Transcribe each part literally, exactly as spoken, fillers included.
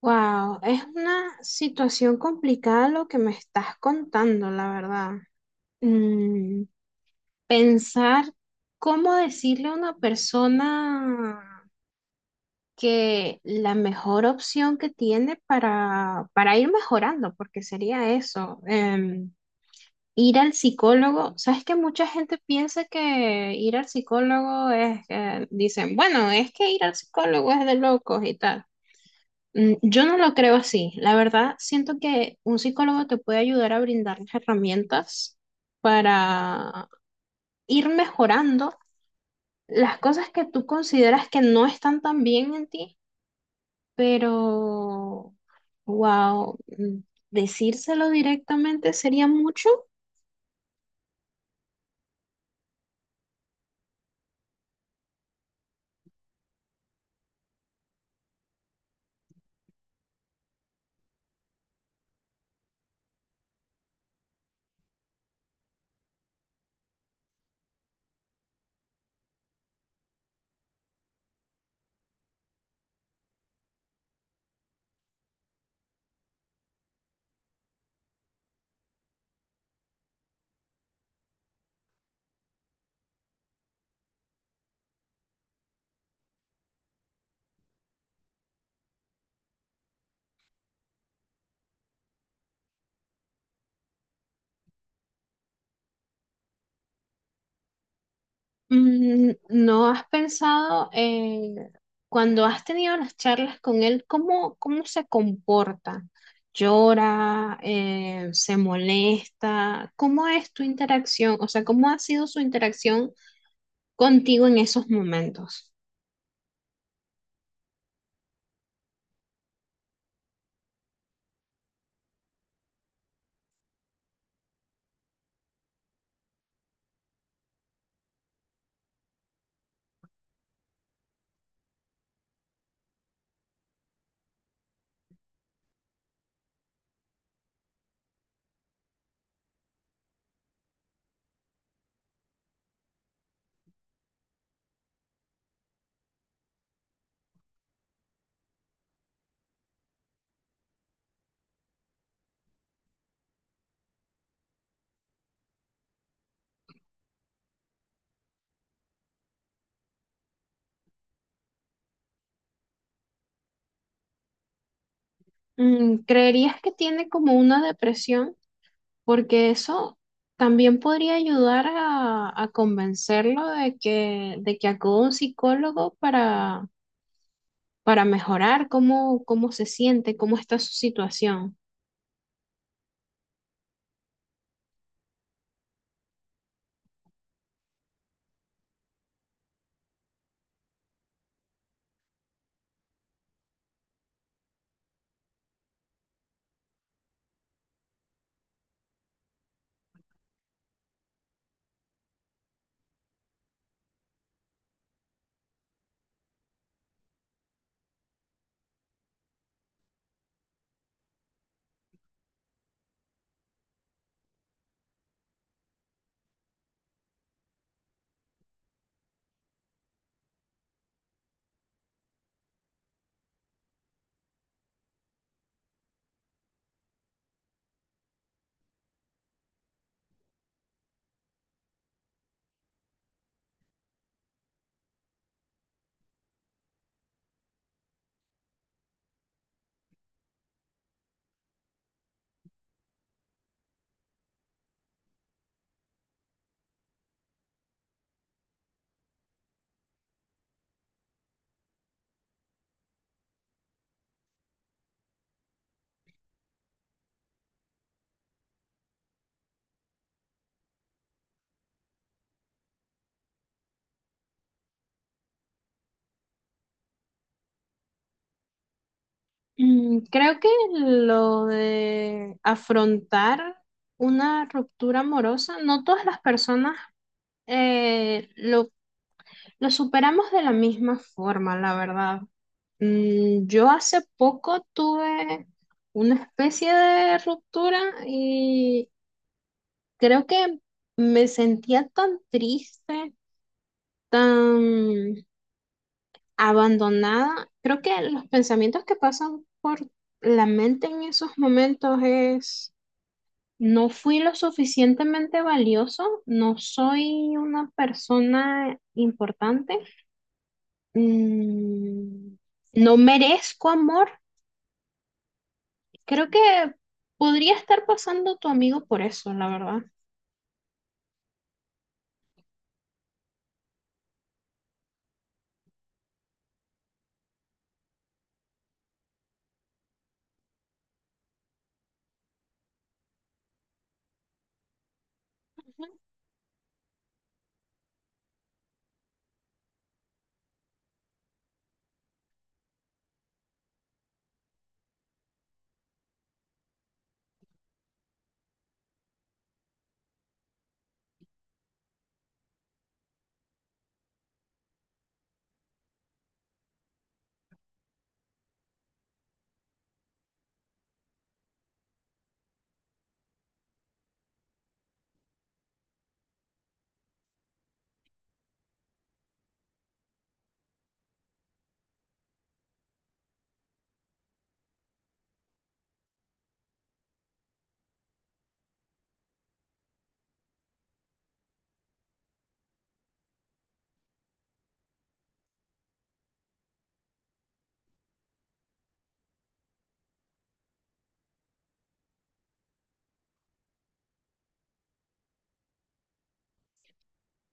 Wow, es una situación complicada lo que me estás contando, la verdad. Mm, pensar cómo decirle a una persona que la mejor opción que tiene para, para ir mejorando, porque sería eso, em, ir al psicólogo. Sabes que mucha gente piensa que ir al psicólogo es, eh, dicen, bueno, es que ir al psicólogo es de locos y tal. Mm. Yo no lo creo así. La verdad, siento que un psicólogo te puede ayudar a brindar las herramientas para ir mejorando las cosas que tú consideras que no están tan bien en ti, pero, wow, decírselo directamente sería mucho Mm, ¿No has pensado eh, cuando has tenido las charlas con él, cómo, cómo se comporta? ¿Llora? Eh, ¿se molesta? ¿Cómo es tu interacción? O sea, ¿cómo ha sido su interacción contigo en esos momentos? Mm. ¿Creerías que tiene como una depresión? Porque eso también podría ayudar a, a convencerlo de que, de que acuda a un psicólogo para mejorar cómo, cómo se siente, cómo está su situación. Mm. Creo que lo de afrontar una ruptura amorosa, no todas las personas eh, lo, lo superamos de la misma forma, la verdad. Mm. Yo hace poco tuve una especie de ruptura y creo que me sentía tan triste, tan abandonada. Creo que los pensamientos que pasan por la mente en esos momentos es, no fui lo suficientemente valioso, no soy una persona importante, mm, no merezco amor. Creo que podría estar pasando tu amigo por eso, la verdad.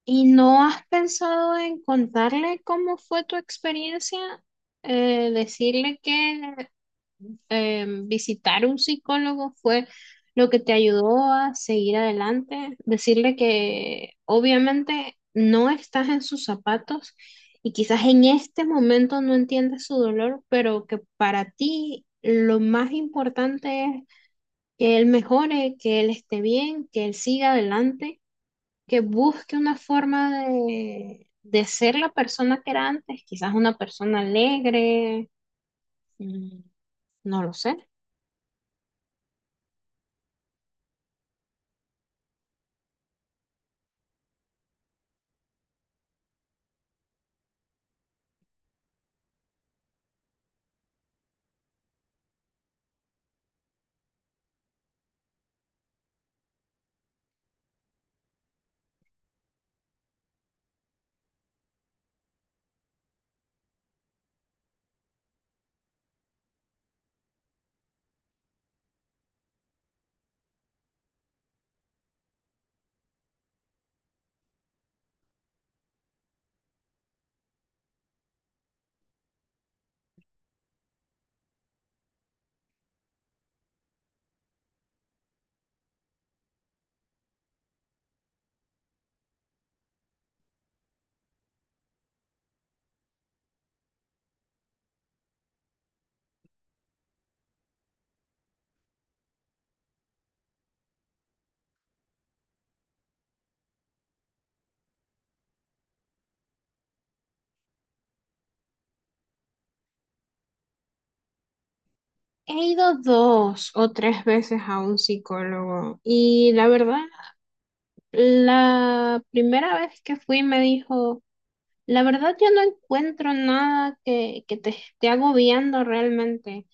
¿Y no has pensado en contarle cómo fue tu experiencia? Eh, decirle que eh, visitar un psicólogo fue lo que te ayudó a seguir adelante, decirle que obviamente no estás en sus zapatos y quizás en este momento no entiendes su dolor, pero que para ti lo más importante es que él mejore, que él esté bien, que él siga adelante, que busque una forma de, de ser la persona que era antes, quizás una persona alegre, mm, no lo sé. He ido dos o tres veces a un psicólogo y la verdad, la primera vez que fui me dijo, la verdad yo no encuentro nada que, que te esté agobiando realmente.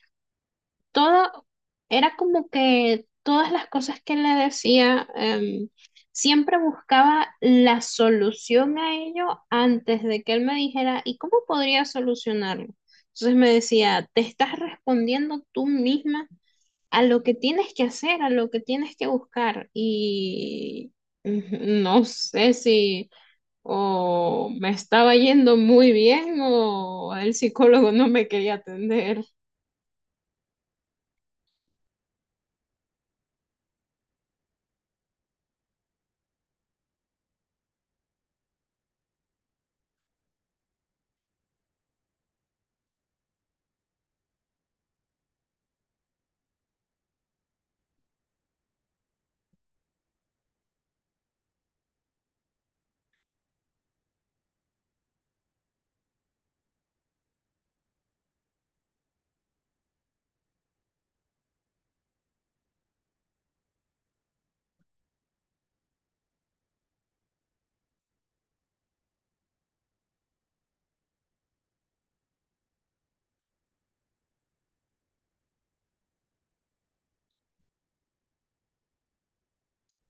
Todo era como que todas las cosas que le decía, em, siempre buscaba la solución a ello antes de que él me dijera, ¿y cómo podría solucionarlo? Entonces me decía, ¿te estás respondiendo tú misma a lo que tienes que hacer, a lo que tienes que buscar? Y mm, no sé si o me estaba yendo muy bien o el psicólogo no me quería atender.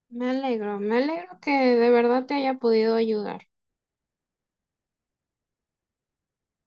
Me alegro, me alegro que de verdad te haya podido ayudar.